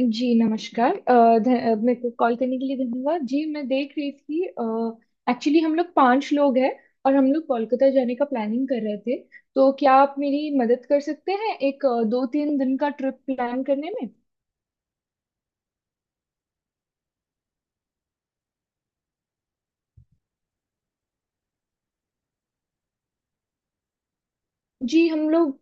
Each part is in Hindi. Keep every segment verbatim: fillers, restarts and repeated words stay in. जी नमस्कार। अ, ध- अ, मेरे को कॉल करने के लिए धन्यवाद जी। मैं देख रही थी, एक्चुअली हम लोग पांच लोग हैं और हम लोग कोलकाता जाने का प्लानिंग कर रहे थे। तो क्या आप मेरी मदद कर सकते हैं एक अ, दो तीन दिन का ट्रिप प्लान करने में? जी हम लोग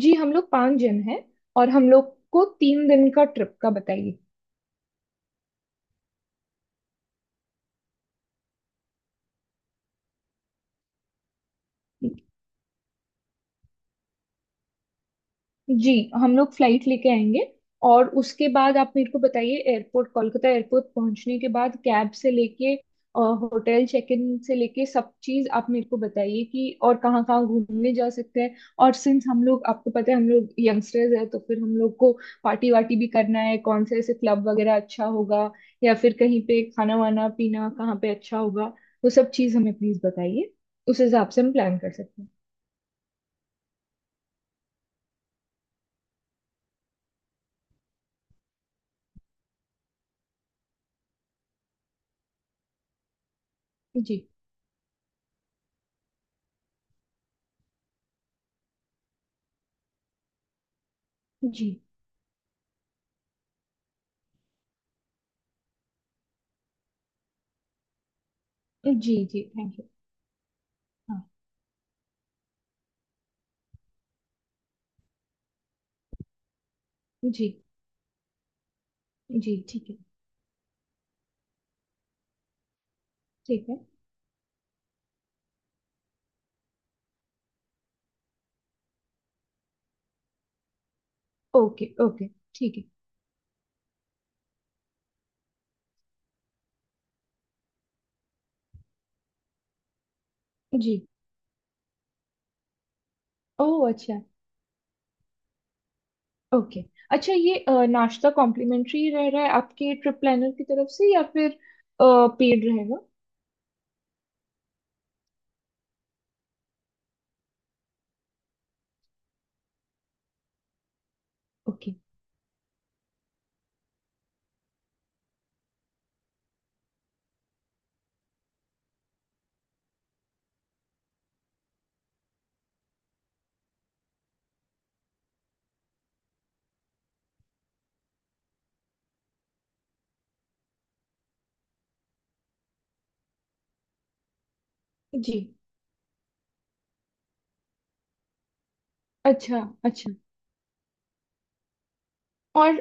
जी हम लोग पांच जन हैं और हम लोग को तीन दिन का ट्रिप का बताइए। जी हम लोग फ्लाइट लेके आएंगे। और उसके बाद आप मेरे को बताइए, एयरपोर्ट कोलकाता एयरपोर्ट पहुंचने के बाद कैब से लेके होटल चेक इन से लेके सब चीज आप मेरे को बताइए कि और कहाँ कहाँ घूमने जा सकते हैं। और सिंस हम लोग, आपको पता है, हम लोग यंगस्टर्स हैं, तो फिर हम लोग को पार्टी वार्टी भी करना है। कौन से ऐसे क्लब वगैरह अच्छा होगा, या फिर कहीं पे खाना वाना पीना कहाँ पे अच्छा होगा, वो सब चीज हमें प्लीज बताइए। उस हिसाब से हम प्लान कर सकते हैं। जी जी। जी जी, थैंक यू। जी। जी ठीक है। ठीक है। Okay okay. ठीक है। जी। ओह अच्छा। ओके। अच्छा, ये अ, नाश्ता कॉम्प्लीमेंट्री रह रहा है आपके ट्रिप प्लानर की तरफ से, या फिर पेड रहेगा? ओके। जी। अच्छा। अच्छा। और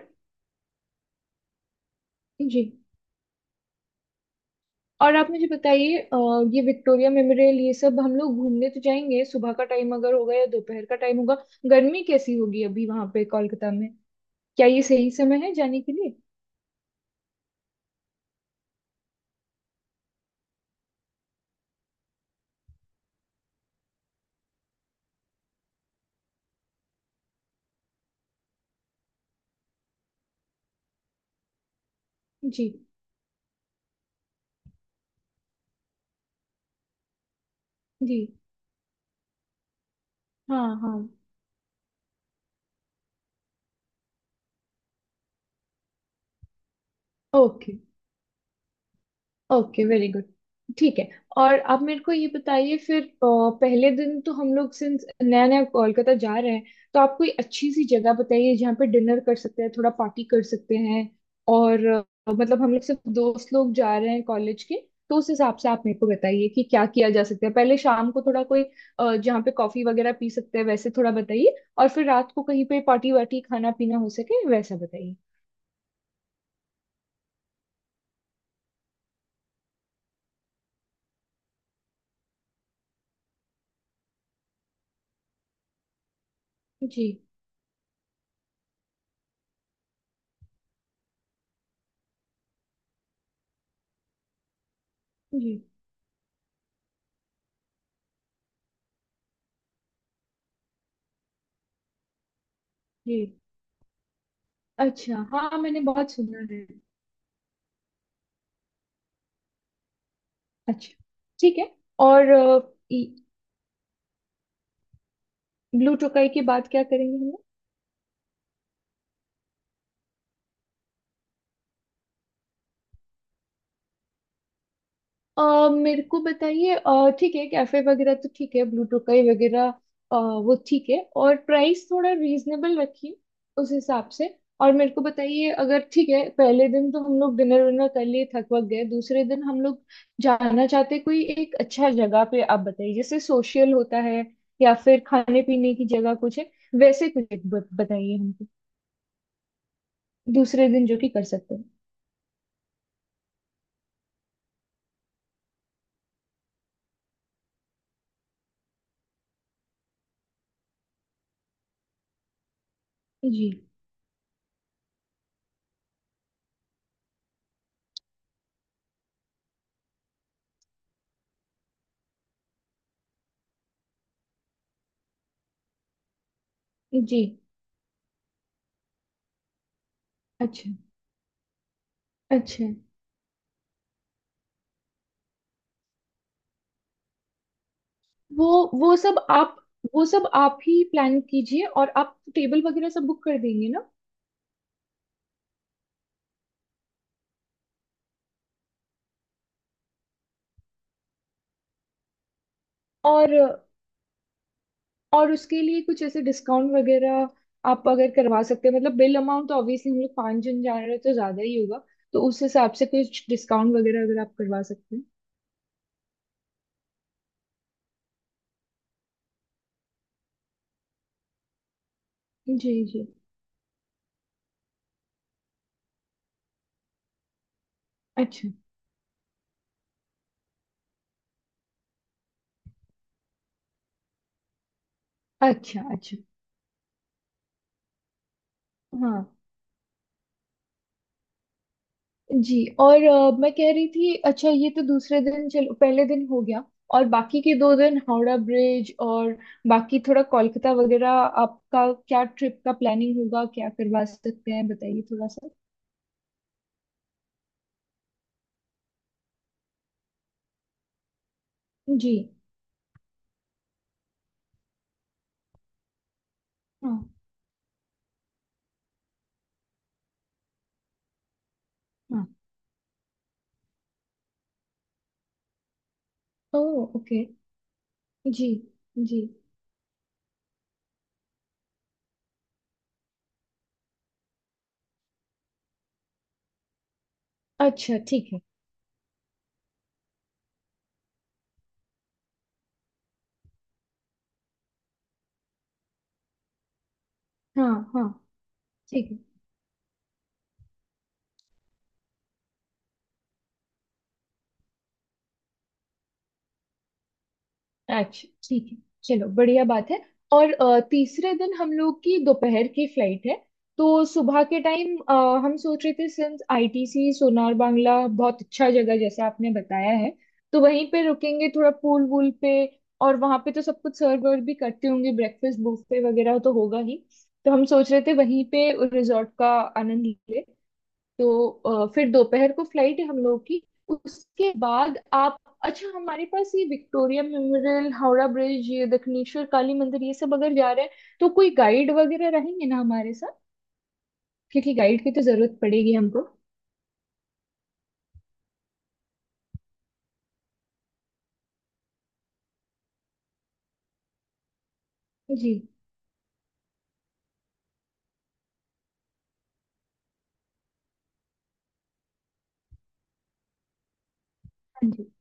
जी। और आप मुझे बताइए, अ, ये विक्टोरिया मेमोरियल, ये सब हम लोग घूमने तो जाएंगे, सुबह का टाइम अगर होगा या दोपहर का टाइम होगा? गर्मी कैसी होगी अभी वहां पे कोलकाता में? क्या ये सही समय है जाने के लिए? जी। जी हाँ हाँ। ओके। Okay very good. ठीक है। और आप मेरे को ये बताइए फिर अ, पहले दिन तो हम लोग सिंस नया नया कोलकाता जा रहे हैं, तो आप कोई अच्छी सी जगह बताइए जहाँ पे डिनर कर सकते हैं, थोड़ा पार्टी कर सकते हैं। और अ, मतलब हम लोग सिर्फ दोस्त लोग जा रहे हैं, कॉलेज के। तो उस हिसाब से आप मेरे को बताइए कि क्या किया जा सकता है। पहले शाम को थोड़ा कोई अ, जहाँ पे कॉफी वगैरह पी सकते हैं, वैसे थोड़ा बताइए, और फिर रात को कहीं पे पार्टी वार्टी खाना पीना हो सके, वैसा बताइए। जी जी। जी। अच्छा, हाँ, मैंने बहुत सुना है। अच्छा। ठीक है। और ब्लू टोकाई की बात क्या करेंगे हम लोग? अ, मेरे को बताइए, अ, ठीक है कैफे वगैरह तो ठीक है, ब्लू टोकाई वगैरह अ, वो ठीक है, और प्राइस थोड़ा रीजनेबल रखिए उस हिसाब से। और मेरे को बताइए, अगर ठीक है पहले दिन तो हम लोग डिनर विनर कर लिए, थक वक गए, दूसरे दिन हम लोग जाना चाहते कोई एक अच्छा जगह पे, आप बताइए जैसे सोशल होता है, या फिर खाने पीने की जगह कुछ है, वैसे कुछ एक बत- बताइए हमको, दूसरे दिन जो कि कर सकते हैं। जी जी। अच्छा। अच्छा। वो वो सब आप वो सब आप ही प्लान कीजिए, और आप टेबल वगैरह सब बुक कर देंगे ना? और और उसके लिए कुछ ऐसे डिस्काउंट वगैरह आप अगर करवा सकते हैं, मतलब बिल अमाउंट तो ऑब्वियसली हम लोग पाँच जन जा रहे हैं, तो ज़्यादा ही होगा। तो उस हिसाब से कुछ डिस्काउंट वगैरह अगर आप करवा सकते हैं। जी जी। अच्छा। अच्छा। अच्छा हाँ जी। और अ, मैं कह रही थी, अच्छा ये तो दूसरे दिन, चलो पहले दिन हो गया, और बाकी के दो दिन हावड़ा ब्रिज और बाकी थोड़ा कोलकाता वगैरह, आपका क्या ट्रिप का प्लानिंग होगा, क्या करवा सकते हैं बताइए थोड़ा सा। जी। हाँ हाँ। ओ ओके। जी जी। अच्छा ठीक है। हाँ हाँ, ठीक है। अच्छा ठीक है। चलो बढ़िया बात है। और अ, तीसरे दिन हम लोग की दोपहर की फ्लाइट है, तो सुबह के टाइम हम सोच रहे थे, सिंस आई टी सी सोनार बांग्ला बहुत अच्छा जगह जैसे आपने बताया है, तो वहीं पे रुकेंगे थोड़ा पूल वूल पे। और वहां पे तो सब कुछ सर्व वर्व भी करते होंगे, ब्रेकफास्ट बुफे वगैरह तो होगा ही, तो हम सोच रहे थे वहीं पे रिजॉर्ट का आनंद ले। तो अ, फिर दोपहर को फ्लाइट है हम लोग की। उसके बाद आप, अच्छा, हमारे पास ये विक्टोरिया मेमोरियल, हावड़ा ब्रिज, ये दक्षिणेश्वर काली मंदिर, ये सब अगर जा रहे हैं, तो कोई गाइड वगैरह रहेंगे ना हमारे साथ, क्योंकि गाइड की तो जरूरत पड़ेगी हमको। जी। हाँ जी।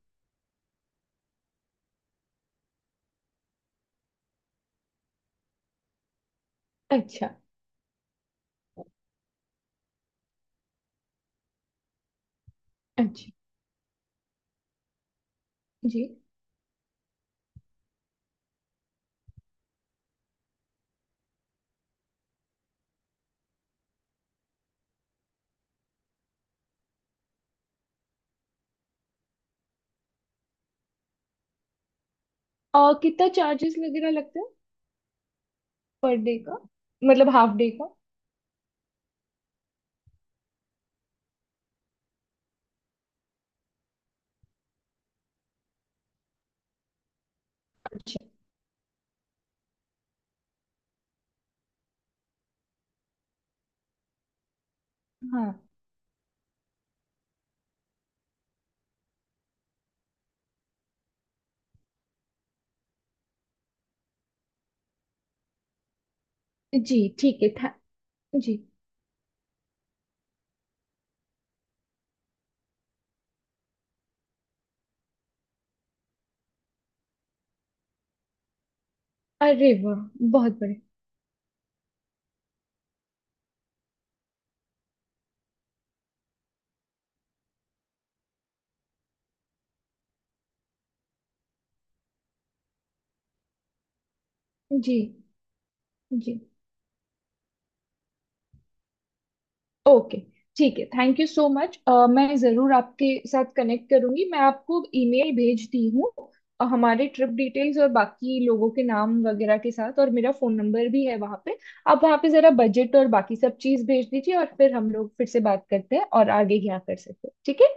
अच्छा। अच्छा। जी। और कितना चार्जेस वगैरह लगता है पर डे का, मतलब हाफ डे का? अच्छा। हाँ जी, ठीक है था। जी। अरे वाह, बहुत बड़े। जी जी। ओके, ठीक है। Thank you so much. मैं ज़रूर आपके साथ कनेक्ट करूंगी, मैं आपको ईमेल भेजती हूँ अ, हमारे ट्रिप डिटेल्स और बाकी लोगों के नाम वगैरह के साथ, और मेरा फ़ोन नंबर भी है वहाँ पे। आप वहाँ पे ज़रा बजट और बाकी सब चीज़ भेज दीजिए, और फिर हम लोग फिर से बात करते हैं और आगे क्या कर सकते हैं, ठीक है।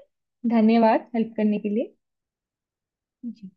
धन्यवाद, हेल्प करने के लिए। जी।